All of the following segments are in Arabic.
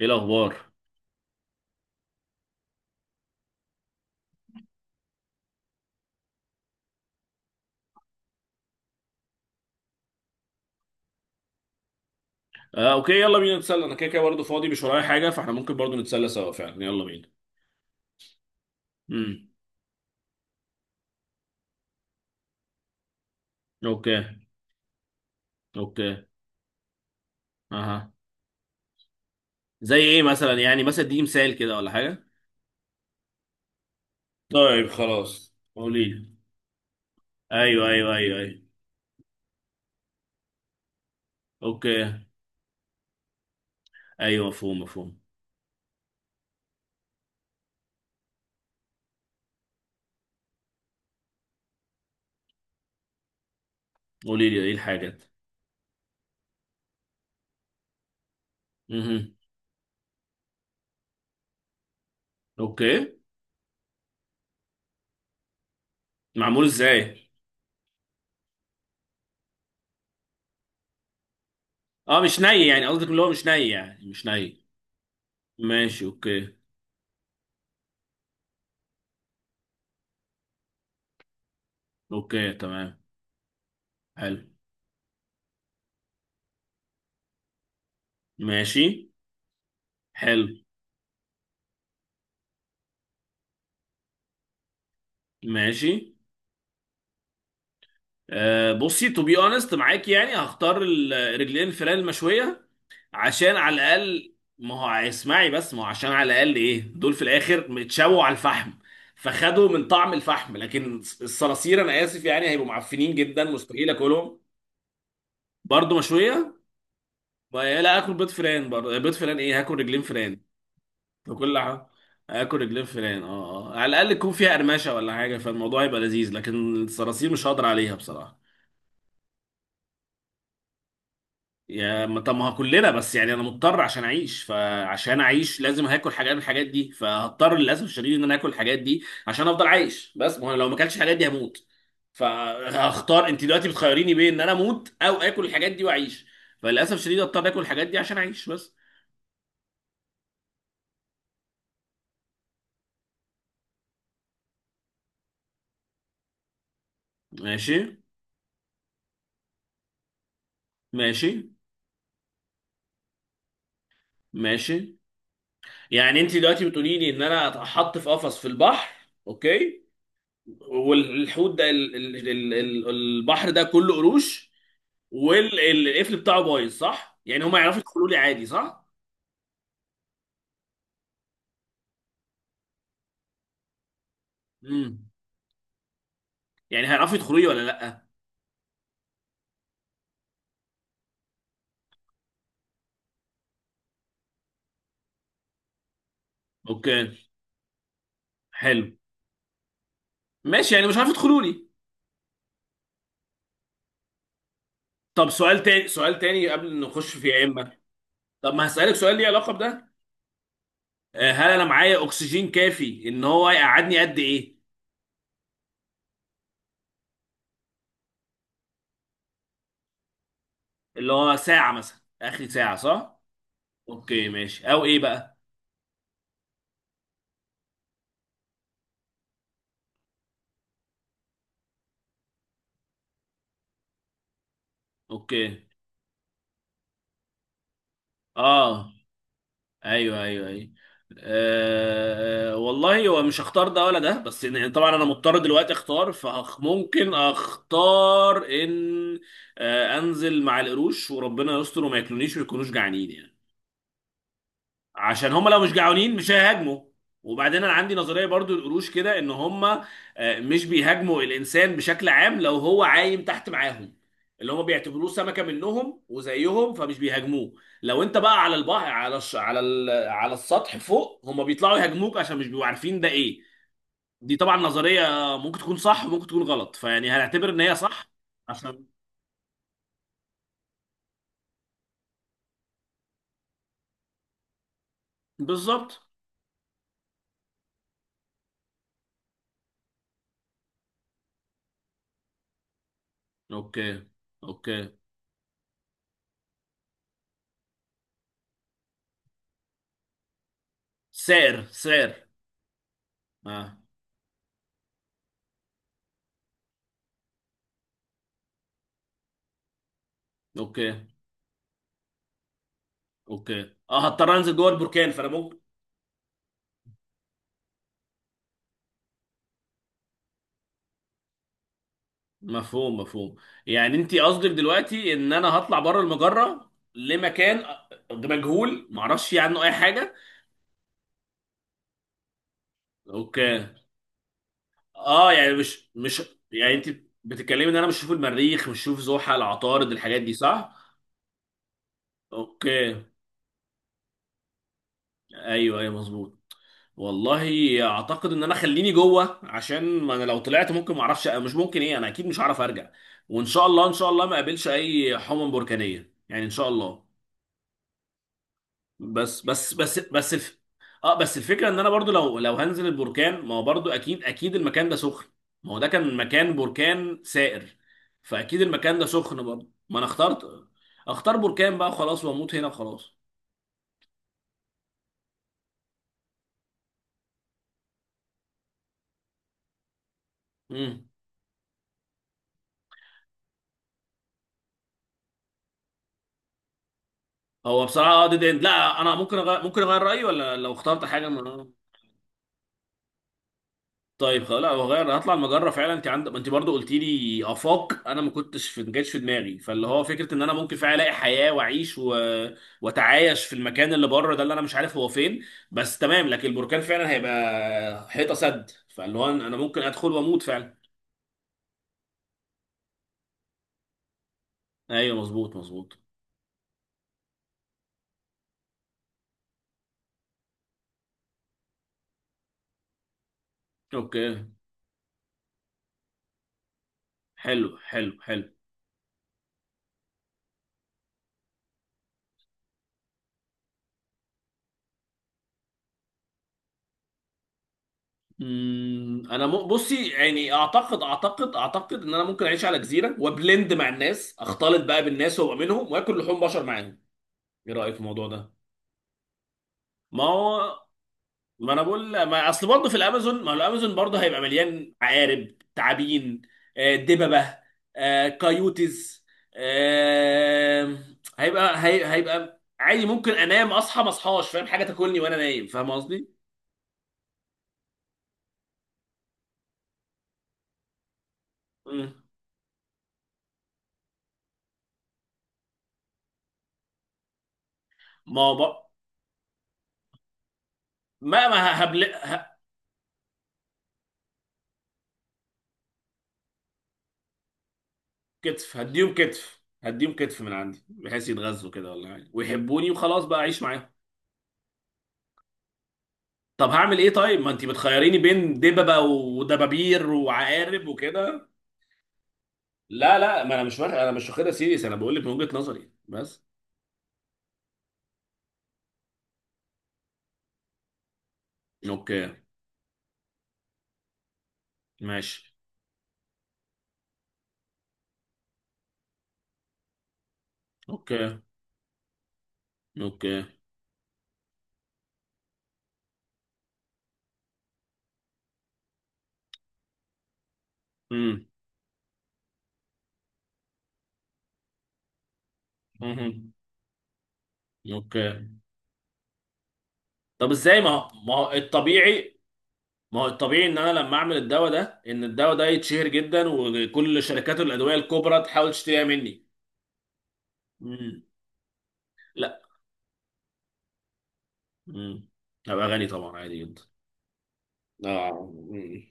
ايه الاخبار؟ آه اوكي، يلا بينا نتسلى. انا كده كده برضه فاضي، مش ورايا حاجه، فاحنا ممكن برضه نتسلى سوا فعلا. يلا بينا. امم. اوكي. اوكي. اها. زي ايه مثلا؟ يعني مثلا اديني مثال كده ولا حاجه. طيب خلاص قولي لي. ايوه ايوه ايوه ايوه. اوكي. ايوه، مفهوم مفهوم. قولي لي ايه الحاجات. امم. اوكي. معمول ازاي؟ اه، مش ني يعني؟ قصدك اللي هو مش ني يعني مش ني؟ ماشي اوكي. اوكي تمام. حلو. ماشي. حلو. ماشي. بصي، تو بي اونست معاك، يعني هختار الرجلين الفلان المشويه. عشان على الاقل، ما هو اسمعي بس، ما هو عشان على الاقل ايه، دول في الاخر متشووا على الفحم، فخدوا من طعم الفحم. لكن الصراصير انا اسف يعني، هيبقوا معفنين جدا، مستحيل اكلهم. برضه مشويه. لا اكل بيض فيران؟ برضه بيض فيران؟ ايه، هاكل رجلين فيران. بكل حاجه. اكل رجلين فيران، اه اه، على الاقل يكون فيها قرمشه ولا حاجه فالموضوع يبقى لذيذ، لكن الصراصير مش هقدر عليها بصراحه. يا ما- طب ما هو كلنا، بس يعني انا مضطر عشان اعيش، فعشان اعيش لازم هاكل حاجات من الحاجات دي، فهضطر للاسف الشديد ان انا اكل الحاجات دي عشان افضل عايش. بس ما هو أنا لو ما اكلتش الحاجات دي هموت. فهختار، انت دلوقتي بتخيريني بين ان انا اموت او اكل الحاجات دي واعيش، فللاسف الشديد اضطر اكل الحاجات دي عشان اعيش بس. ماشي. ماشي. ماشي. يعني انت دلوقتي بتقولي لي ان انا اتحط في قفص في البحر. اوكي. والحوت ده البحر ده كله قروش، والقفل بتاعه بايظ، صح؟ يعني هم يعرفوا يدخلوا لي عادي، صح؟ امم. يعني هيعرفوا يدخلوا لي ولا لا؟ اوكي. حلو. ماشي، يعني مش عارف يدخلوا لي. طب سؤال تاني، سؤال تاني قبل ما نخش في يا اما. طب ما هسألك سؤال ليه علاقة بده. هل انا معايا اكسجين كافي؟ ان هو يقعدني قد ايه؟ اللي هو ساعة مثلا، اخر ساعة، صح؟ اوكي ماشي. او ايه بقى؟ اوكي. اه. ايوه ايوه ايوه. أه والله هو مش هختار ده ولا ده، بس يعني طبعا انا مضطر دلوقتي اختار، فممكن اختار ان، أه، انزل مع القروش وربنا يستر وما ياكلونيش ويكونوش جعانين يعني. عشان هم لو مش جعانين مش هيهاجموا. وبعدين انا عندي نظريه برضو، القروش كده ان هم مش بيهاجموا الانسان بشكل عام لو هو عايم تحت معاهم، اللي هم بيعتبروه سمكه منهم وزيهم فمش بيهاجموه. لو انت بقى على البحر، على الش... على ال... على السطح فوق، هم بيطلعوا يهاجموك عشان مش بيبقوا عارفين ده ايه. دي طبعا نظريه، ممكن تكون صح وممكن تكون غلط، فيعني هنعتبر ان هي صح. عشان. بالظبط. اوكي. اوكي. سعر سعر. اه. اوكي. اوكي، اه، هضطر انزل جوه البركان فانا ممكن. مفهوم مفهوم. يعني انت قصدك دلوقتي ان انا هطلع بره المجره لمكان مجهول، معرفش فيه عنه اي حاجه. اوكي. اه، يعني مش مش، يعني انت بتتكلمي ان انا مش هشوف المريخ، مش هشوف زحل، عطارد، الحاجات دي، صح؟ اوكي. ايوه ايوه مظبوط. والله اعتقد ان انا خليني جوه، عشان ما انا لو طلعت ممكن ما اعرفش، مش ممكن ايه، انا اكيد مش هعرف ارجع. وان شاء الله، ان شاء الله ما اقابلش اي حمم بركانيه يعني، ان شاء الله. بس بس بس بس اه بس الفكره ان انا برضو، لو هنزل البركان، ما هو برضو اكيد اكيد المكان ده سخن. ما هو ده كان مكان بركان سائر، فاكيد المكان ده سخن برضو، ما انا اخترت. اختار بركان بقى خلاص، واموت هنا خلاص. امم. هو بصراحه اه ديد اند، لا انا ممكن ممكن اغير رايي ولا لو اخترت حاجه من. طيب خلاص لا، هغير، هطلع المجره فعلا. انت عندك، ما انت برضو قلت لي افاق انا ما كنتش في، ما جاتش في دماغي، فاللي هو فكره ان انا ممكن فعلا الاقي حياه واعيش واتعايش في المكان اللي بره ده اللي انا مش عارف هو فين. بس تمام. لكن البركان فعلا هيبقى حيطه سد، فاللي هو انا ممكن ادخل واموت فعلا. ايوه مظبوط مظبوط. اوكي. حلو حلو حلو. امم. انا بصي يعني، اعتقد اعتقد اعتقد ان انا ممكن اعيش على جزيره وبلند مع الناس، اختلط بقى بالناس وابقى منهم واكل لحوم بشر معاهم. ايه رايك في الموضوع ده؟ ما هو. ما انا بقول، ما اصل برضه في الامازون، ما هو الامازون برضه هيبقى مليان عقارب، تعابين، دببه، كايوتز، آه، هيبقى هيبقى عادي ممكن انام، اصحى ما اصحاش، فاهم، حاجه تاكلني وانا نايم، فاهم قصدي؟ مم. ما هو بق... ما ما ه- هبل ه... كتف هديهم، كتف هديهم، كتف من عندي بحيث يتغذوا كده ولا حاجه ويحبوني وخلاص بقى اعيش معاهم. طب هعمل ايه طيب، ما انت بتخيريني بين دببه ودبابير وعقارب وكده. لا لا، ما انا مش واخد، انا مش واخدها سيريس، انا بقول لك من وجهة نظري بس. اوكي. ماشي. اوكي. اوكي. امم. أمم. اوكي. طب ازاي، ما هو الطبيعي. ما هو الطبيعي ان انا لما اعمل الدواء ده، ان الدواء ده يتشهر جدا وكل شركات الادويه الكبرى تحاول تشتريها مني. امم. لا. امم. هبقى غني طبعا عادي جدا. اه. أمم.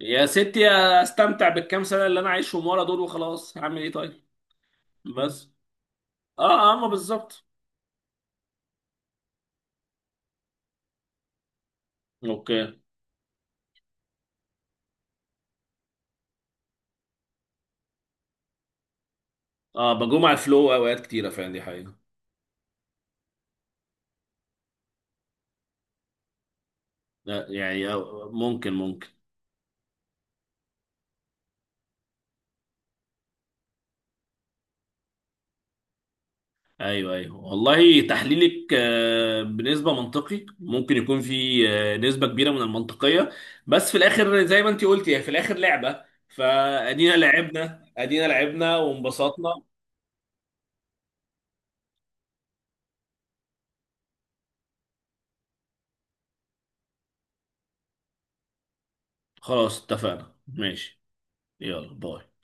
يا ستي استمتع بالكام سنه اللي انا عايشهم ورا دول وخلاص، هعمل ايه طيب؟ بس. اه اه، ما بالظبط. اوكي. اه، بجوم على الفلو اوقات كتيره فعلا، دي حقيقه. لا يعني ممكن ممكن. ايوه ايوه، والله تحليلك بنسبه منطقي، ممكن يكون في نسبه كبيره من المنطقيه، بس في الاخر زي ما انت قلتي، هي في الاخر لعبه، فادينا لعبنا، ادينا لعبنا وانبسطنا. خلاص اتفقنا، ماشي. يلا باي.